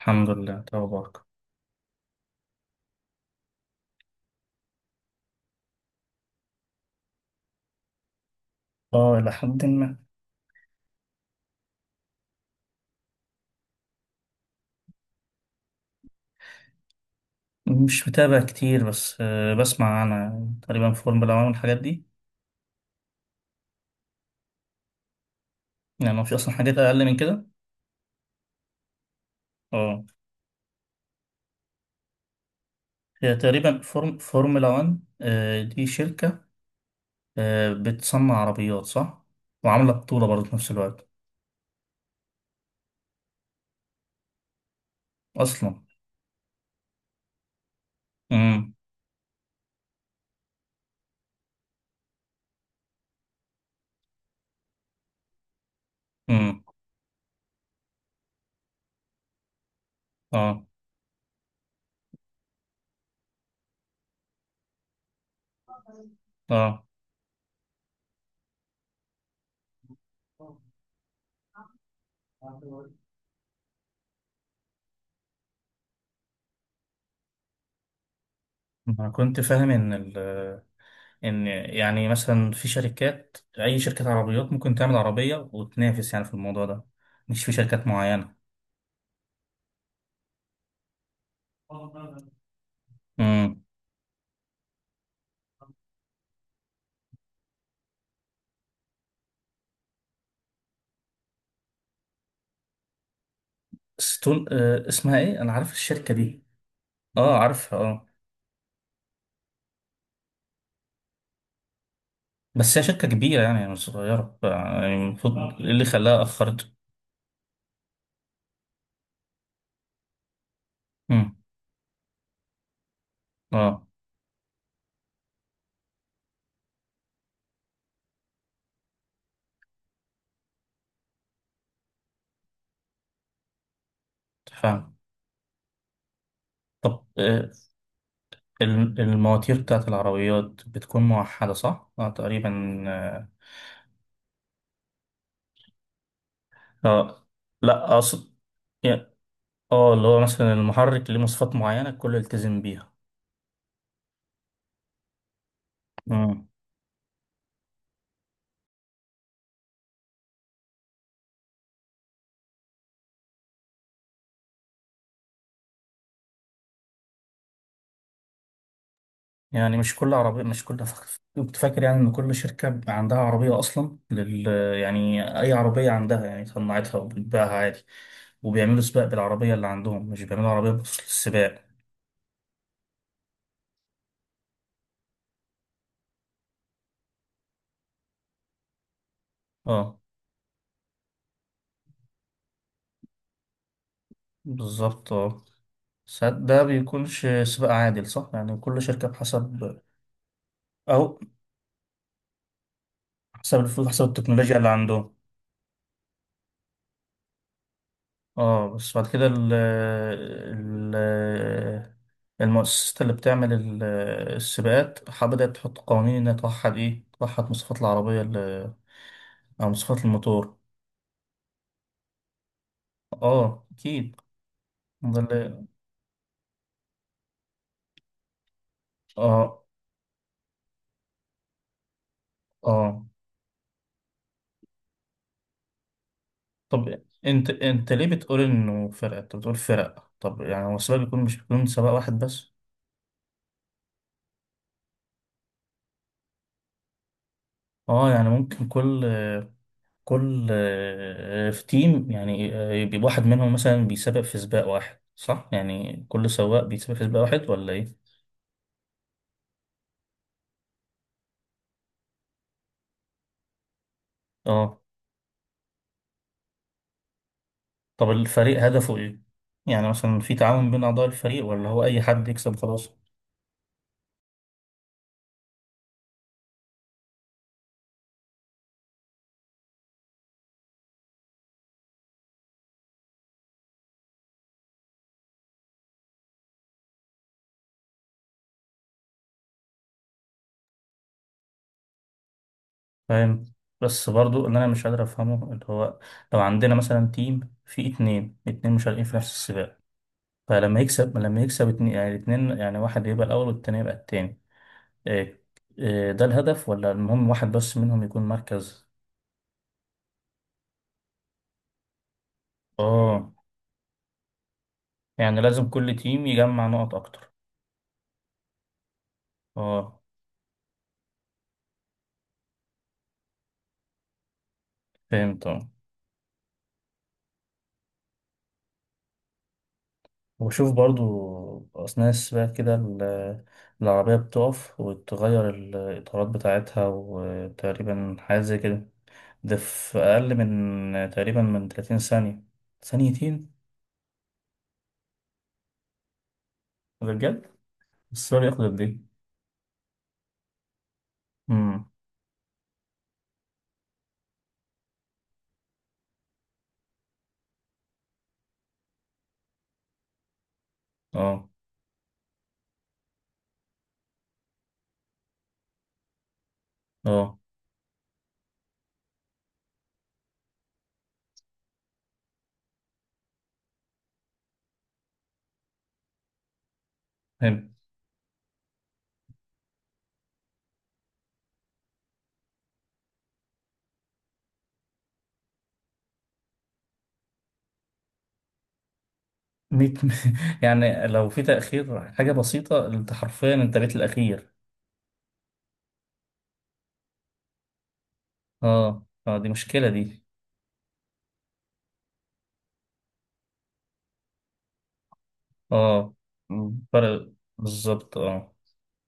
الحمد لله توبك. اه إلى حد ما. مش متابع كتير، بس بسمع أنا تقريبا فورمولا 1 والحاجات دي. يعني هو في أصلا حاجات أقل من كده؟ اه هي تقريبا فورمولا 1، دي شركة، بتصنع عربيات صح؟ وعاملة بطولة برضه في نفس الوقت أصلا. امم. امم. اه. اه. أنا كنت فاهم إن ان يعني مثلا في شركات، اي شركة عربيات ممكن تعمل عربية وتنافس يعني في الموضوع ده، مش في شركات معينة. امم. ستون، اسمها ايه، انا عارف الشركة دي. اه، عارفها، اه. بس هي شركة كبيرة يعني، مش صغيرة يعني، المفروض إيه اللي خلاها اخرته؟ امم. اه. فاهم. طب الم- المواتير بتاعت العربيات بتكون موحدة صح؟ اه تقريبا. اه. آه. لا اقصد يعني اه اللي هو مثلا المحرك ليه مواصفات معينة الكل يلتزم بيها. مم. يعني مش كل عربية، مش كل ف- كنت فاكر يعني إن كل شركة بيبقى عندها عربية أصلا لل... يعني أي عربية عندها يعني صنعتها وبتبيعها عادي، وبيعملوا سباق بالعربية اللي عندهم، مش بيعملوا عربية بخصوص السباق. اه بالظبط اه. ساعات ده بيكونش سباق عادل صح؟ يعني كل شركة بحسب، أو حسب الفلوس، حسب التكنولوجيا اللي عندهم. اه. بس بعد كده ال المؤسسات اللي بتعمل ال- السباقات ح- بدأت تحط قوانين إنها توحد إيه، توحد مواصفات العربية ال- أو مواصفات الموتور. اه أكيد. ده اللي اه. اه. طب أنت، أنت ليه بتقول إنه فرق أنت بتقول فرق، طب يعني هو السباق بيكون، مش بيكون سباق واحد بس؟ اه يعني ممكن كل في تيم يعني، يبقى واحد منهم مثلا بيسابق في سباق واحد صح؟ يعني كل سواق بيسابق في سباق واحد ولا ايه؟ اه. طب الفريق هدفه ايه؟ يعني مثلا في تعاون بين اعضاء الفريق ولا هو اي حد يكسب خلاص؟ فاهم. بس برضو اللي انا مش قادر افهمه اللي هو، لو عندنا مثلا تيم فيه اتنين مشاركين في نفس السباق، فلما يكسب، لما يكسب اتنين يعني الاتنين، يعني واحد يبقى الاول والتاني يبقى التاني. إيه، إيه ده الهدف؟ ولا المهم واحد بس منهم يكون مركز؟ اه. يعني لازم كل تيم يجمع نقط اكتر. اه فهمت اه. وشوف برضو اثناء السباق كده ال- العربية بتقف وتغير الاطارات بتاعتها وتقريبا حاجة زي كده. ده في اقل من تقريبا من 30 ثانية؟ ثانيتين؟ ده بجد؟ السؤال ياخد قد ايه؟ امم. اه. اه فهمت. 100 يعني لو في تأخير حاجة بسيطة انت حرفيا انت بيت الاخير. اه. اه دي مشكلة دي. اه. مم. فرق. بالظبط اه.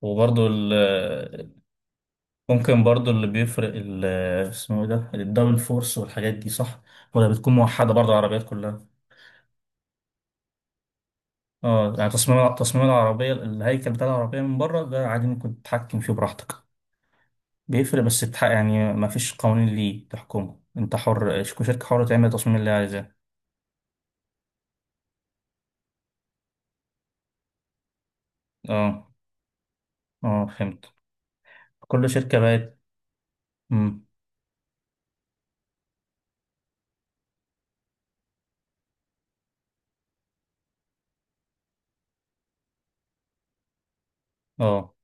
وبرضو ال- ممكن برضو اللي بيفرق ال- اسمه ايه ده، الدبل فورس والحاجات دي صح؟ ولا بتكون موحدة برضو العربيات كلها؟ اه يعني تصميم العربية، الهيكل بتاع العربية من بره ده عادي ممكن تتحكم فيه براحتك؟ بيفرق، بس تتح- يعني ما فيش قوانين ليه تحكمه؟ انت حر، شركة حرة تعمل التصميم اللي هي عايزاه؟ اه. اه فهمت. كل شركة بقت. مم. اه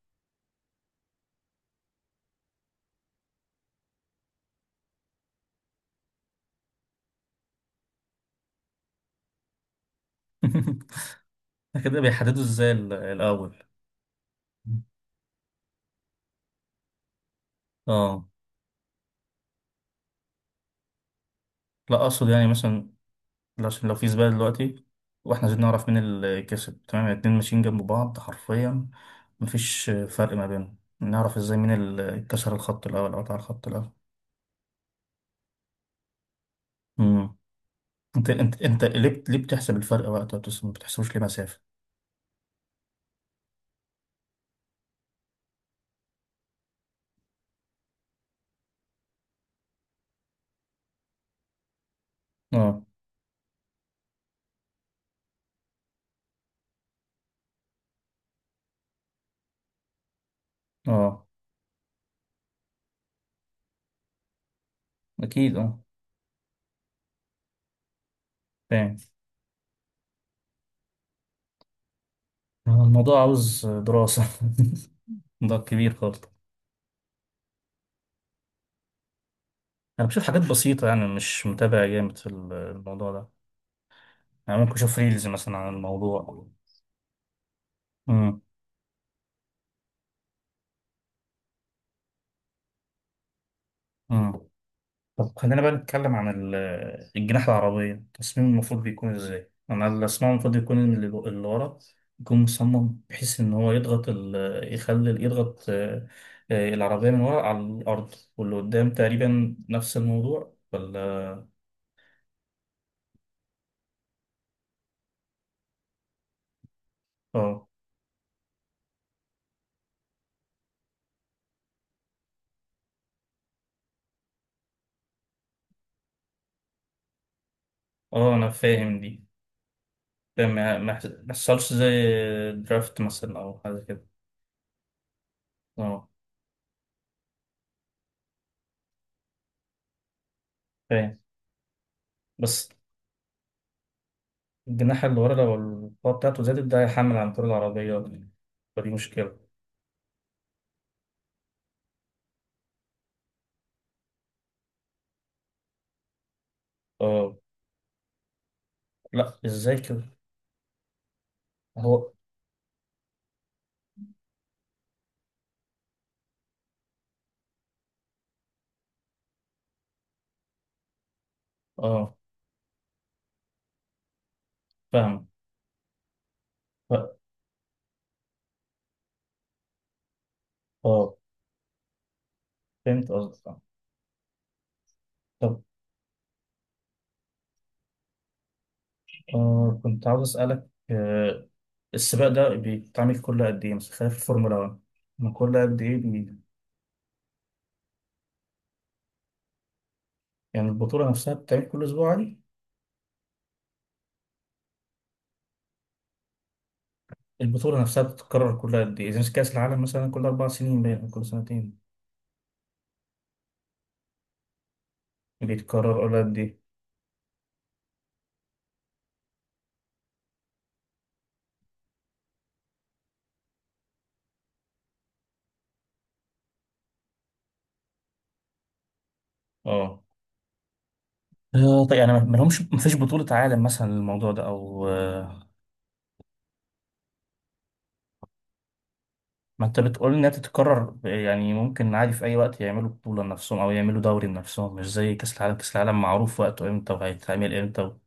كده بيحددوا ازاي ال- الأول؟ اه. لا اقصد يعني مثلا، عشان لو في سباق دلوقتي واحنا عايزين نعرف مين اللي كسب، تمام الاتنين ماشيين جنب بعض حرفيا، مفيش فرق ما بينهم، نعرف ازاي مين اللي كسر الخط الاول او قطع الخط الاول؟ امم. انت ليه بت- ليه بتحسب الفرق وقت، ما بتس- ما بتحسبوش ليه مسافة؟ اه. اه اكيد اه. فاهم. الموضوع عاوز دراسة موضوع كبير خالص. انا بشوف حاجات بسيطة يعني، مش متابع جامد في الموضوع ده. انا ممكن اشوف ريلز مثلا عن الموضوع. امم. طب خلينا بقى نتكلم عن ال- الجناح، العربية، التصميم المفروض بيكون ازاي؟ أنا اللي أسمعه المفروض يكون إن اللي ورا يكون مصمم بحيث إن هو يضغط ال... يخلي يضغط العربية من ورا على الأرض، واللي قدام تقريبا نفس الموضوع ولا؟ اه. اه أنا فاهم دي. فاهم ما يحصلش زي درافت مثلا أو حاجة كده. اه. فاهم. بس الجناح اللي ورا لو القوة بتاعته زادت ده هيحمل عن طول العربية أكتر. فدي مشكلة. اه. لا ازاي كده؟ هو اه. فاهم. ف- اه فهمت قصدك آه. طب كنت عاوز اسالك السباق ده بيتعمل كل قد ايه مثلا، خلاف الفورمولا 1، من كل قد ايه بي...؟ يعني البطوله نفسها بتتعمل كل اسبوع عادي؟ البطوله نفسها بتتكرر كل قد ايه؟ اذا كاس العالم مثلا كل اربع سنين باين أو كل سنتين؟ بيتكرر كل قد ايه؟ اه. طيب يعني ما ما لهمش، ما فيش بطوله عالم مثلا للموضوع ده او؟ ما انت بتقول انها تتكرر يعني ممكن عادي في اي وقت يعملوا بطولة لنفسهم او يعملوا دوري لنفسهم؟ مش زي كاس العالم، كاس العالم معروف وقته امتى وهيتعمل امتى.